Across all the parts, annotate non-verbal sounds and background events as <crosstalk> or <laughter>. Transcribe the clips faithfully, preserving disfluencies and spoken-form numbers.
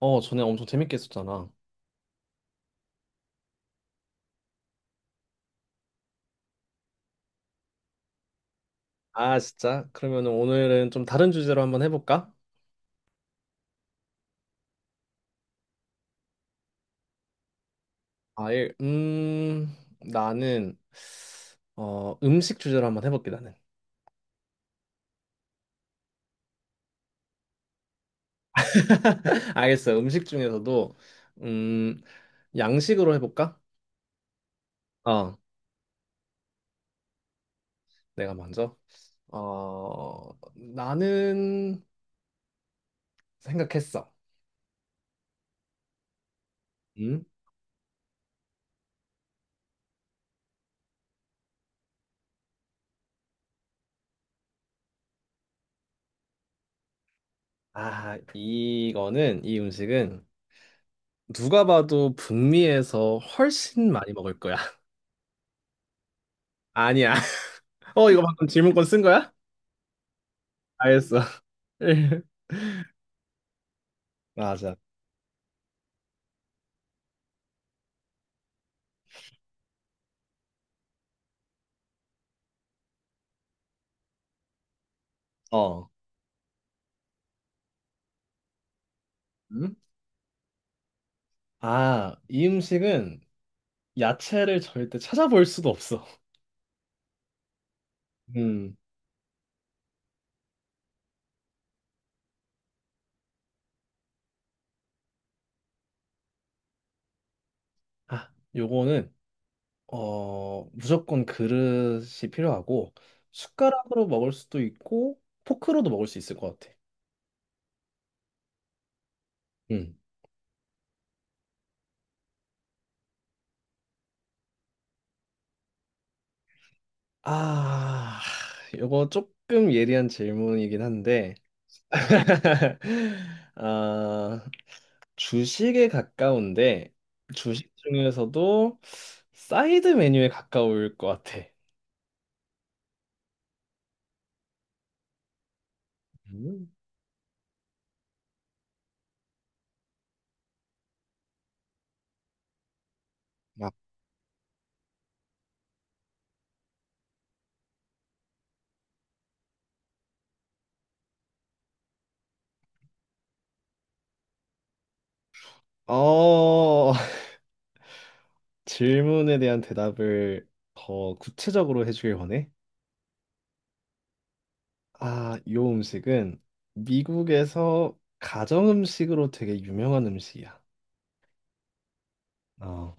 어, 전에 엄청 재밌게 했었잖아. 아, 진짜? 그러면 오늘은 좀 다른 주제로 한번 해볼까? 아, 예. 음, 나는, 어, 음식 주제로 한번 해볼게, 나는. <laughs> 알겠어. 음식 중에서도, 음, 양식으로 해볼까? 어, 내가 먼저. 어, 나는 생각했어. 음? 아, 이거는, 이 음식은 누가 봐도 북미에서 훨씬 많이 먹을 거야. <laughs> 아니야. 어, 이거 방금 질문권 쓴 거야? 알겠어. <laughs> 맞아. 어. 음? 아, 이 음식은 야채를 절대 찾아볼 수도 없어. 음. 아, 요거는 어, 무조건 그릇이 필요하고 숟가락으로 먹을 수도 있고 포크로도 먹을 수 있을 것 같아. 음. 아, 요거 조금 예리한 질문이긴 한데 <laughs> 아, 주식에 가까운데 주식 중에서도 사이드 메뉴에 가까울 것 같아. 음. 막, 어, <laughs> 질문에 대한 대답을 더 구체적으로 해주길 원해. 아, 이 음식은 미국에서 가정 음식으로 되게 유명한 음식이야. 어,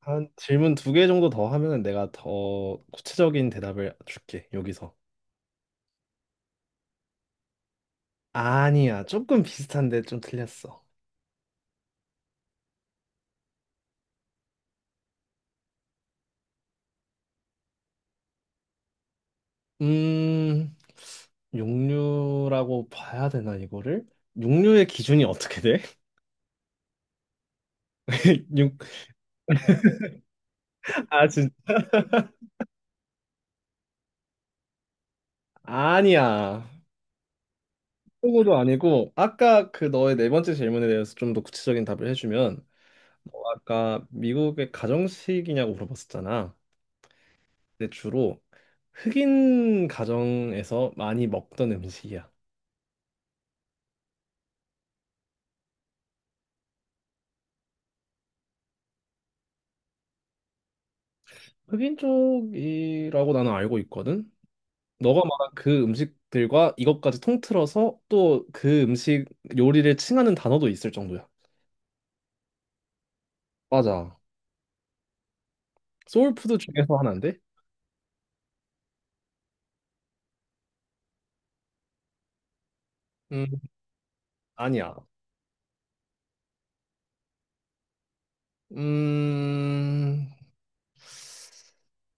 한 질문 두 개 정도 더 하면 내가 더 구체적인 대답을 줄게, 여기서. 아니야. 조금 비슷한데 좀 틀렸어. 음, 육류라고 봐야 되나, 이거를? 육류의 기준이 어떻게 돼? <laughs> 육, 아, 진 아니야. 그거도 아니고, 아까 그 너의 네 번째 질문에 대해서 좀 더 구체적인 답을 해주면, 너 아까 미국의 가정식이냐고 물어봤었잖아. 근데 주로 흑인 가정에서 많이 먹던 음식이야. 흑인 쪽이라고 나는 알고 있거든. 너가 말한 그 음식들과 이것까지 통틀어서 또 그 음식 요리를 칭하는 단어도 있을 정도야. 맞아. 소울푸드 중에서 하나인데? 음, 아니야. 음,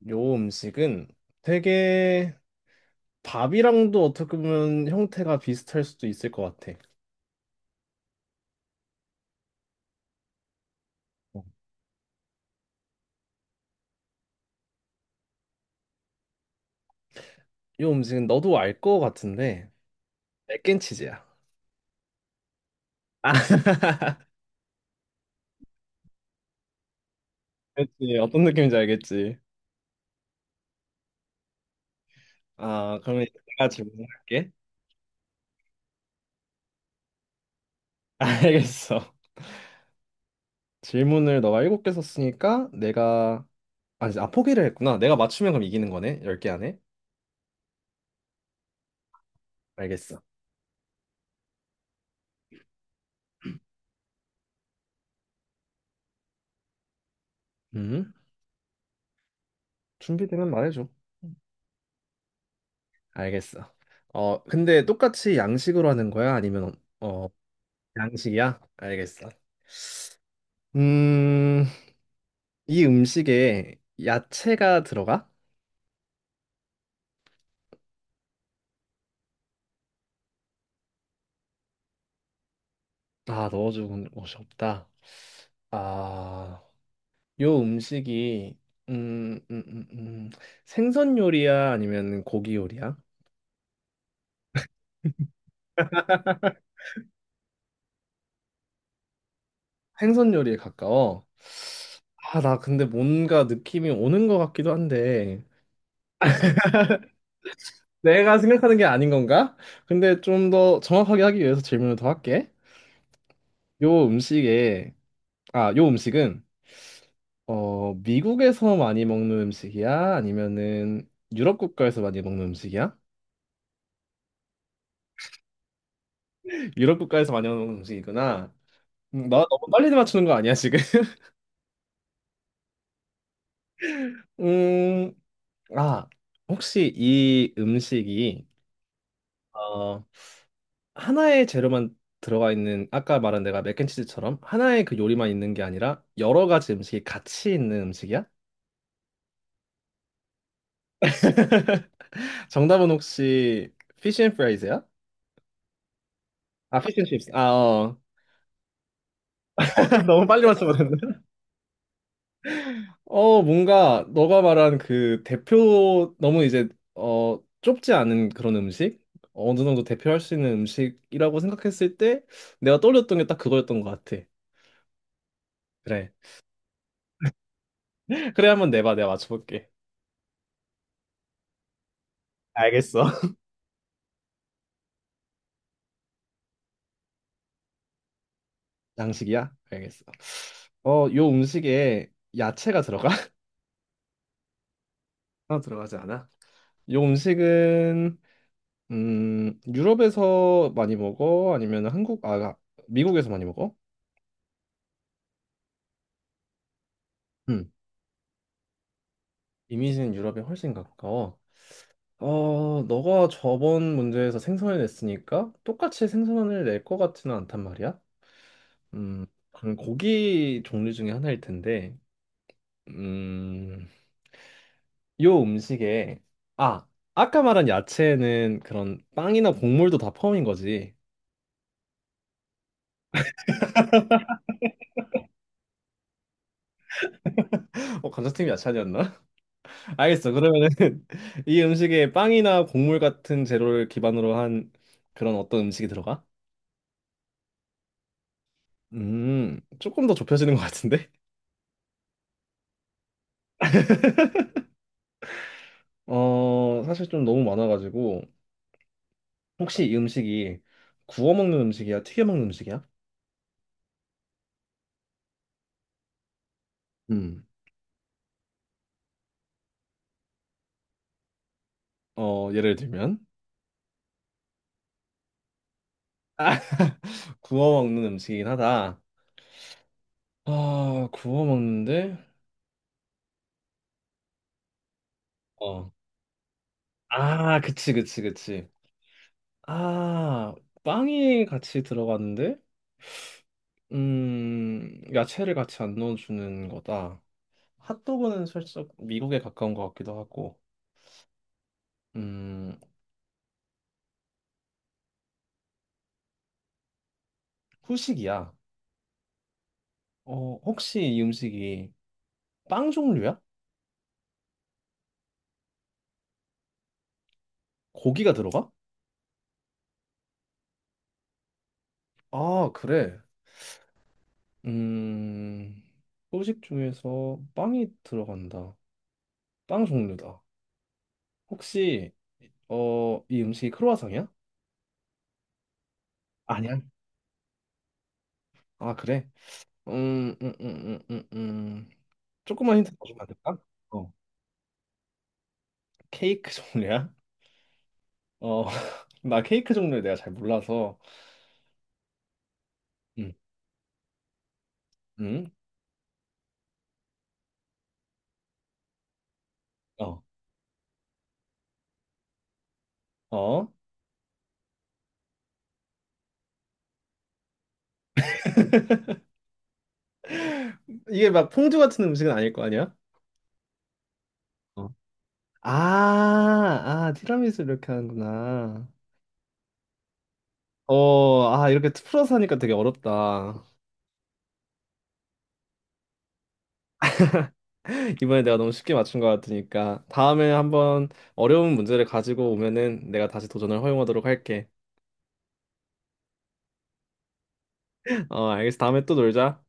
요 음식은 되게 밥이랑도 어떻게 보면 형태가 비슷할 수도 있을 것 같아. 어. 요 음식은 너도 알 것 같은데, 맥앤치즈야. 아, <laughs> 그렇지. 어떤 느낌인지 알겠지. 아, 그러면 내가 질문할게. <laughs> 알겠어. 질문을 너가 일곱 개 썼으니까 내가 아니, 아 포기를 했구나. 내가 맞추면 그럼 이기는 거네. 열 개 안에. 알겠어. 음. 준비되면 말해줘. 알겠어. 어 근데 똑같이 양식으로 하는 거야? 아니면 어 양식이야? 알겠어. 음. 이 음식에 야채가 들어가? 아 넣어주는 곳이 없다. 아. 요 음식이 음, 음, 음, 음. 생선 요리야? 아니면 고기 요리야? 생선 요리에 가까워. 아, 나 근데 뭔가 느낌이 오는 것 같기도 한데 내가 생각하는 게 아닌 건가? 근데 좀 더 정확하게 하기 위해서 질문을 더 할게. 요 음식에 아, 요 음식은 어, 미국에서 많이 먹는 음식이야? 아니면은 유럽 국가에서 많이 먹는 음식이야? <laughs> 유럽 국가에서 많이 먹는 음식이구나. 음, 나 너무 빨리 맞추는 거 아니야, 지금? <laughs> 음, 아, 혹시 이 음식이 어, 하나의 재료만 들어가 있는 아까 말한 내가 맥앤치즈처럼 하나의 그 요리만 있는 게 아니라 여러 가지 음식이 같이 있는 음식이야? 정답은 혹시 피쉬 앤 프라이즈야? 아, 피쉬 앤 칩스. 아, 어. <laughs> 너무 빨리 맞춰버렸네. 어, 뭔가 너가 말한 그 대표 너무 이제 어 좁지 않은 그런 음식? 어느 정도 대표할 수 있는 음식이라고 생각했을 때 내가 떠올렸던 게 딱 그거였던 것 같아. 그래. 그래 한번 내봐. 내가 맞춰볼게. 알겠어. 양식이야? 알겠어. 어, 요 음식에 야채가 들어가? <laughs> 하나 들어가지 않아? 요 음식은 음, 유럽에서 많이 먹어? 아니면 한국 아 미국에서 많이 먹어? 음. 이미지는 유럽에 훨씬 가까워. 어, 너가 저번 문제에서 생선을 냈으니까 똑같이 생선을 낼 것 같지는 않단 말이야. 음, 그럼 고기 종류 중에 하나일 텐데. 음. 요 음식에 아 아까 말한 야채는 그런 빵이나 곡물도 다 포함인 거지. 어 감자튀김 야채 아니었나? <laughs> 알겠어. 그러면은 <laughs> 이 음식에 빵이나 곡물 같은 재료를 기반으로 한 그런 어떤 음식이 들어가? 음 조금 더 좁혀지는 것 같은데? <laughs> 어 사실 좀 너무 많아가지고 혹시 이 음식이 구워 먹는 음식이야? 튀겨 먹는 음식이야? 음. 어 예를 들면 구워 먹는 음식이긴 하다. 아 구워 먹는데. 어. 아, 그치, 그치, 그치. 아, 빵이 같이 들어갔는데, 음, 야채를 같이 안 넣어주는 거다. 핫도그는 살짝 미국에 가까운 것 같기도 하고, 음, 후식이야. 어, 혹시 이 음식이 빵 종류야? 고기가 들어가? 아, 그래. 음, 후식 중에서 빵이 들어간다. 빵 종류다. 혹시, 어, 이 음식이 크로와상이야? 아니야. 아, 그래? 음, 음, 음, 음, 음, 음. 조금만 힌트 더 주면 안 될까? 어, 케이크 종류야? 어, <laughs> 나 케이크 종류에 내가 잘 몰라서. 음, 음, 어, 어. 이게 막 퐁듀 같은 음식은 아닐 거 아니야? 어. 아, 아, 티라미수 이렇게 하는구나. 어, 아, 이렇게 풀어서 하니까 되게 어렵다. <laughs> 이번에 내가 너무 쉽게 맞춘 것 같으니까 다음에 한번 어려운 문제를 가지고 오면은 내가 다시 도전을 허용하도록 할게. 어, 알겠어. 다음에 또 놀자.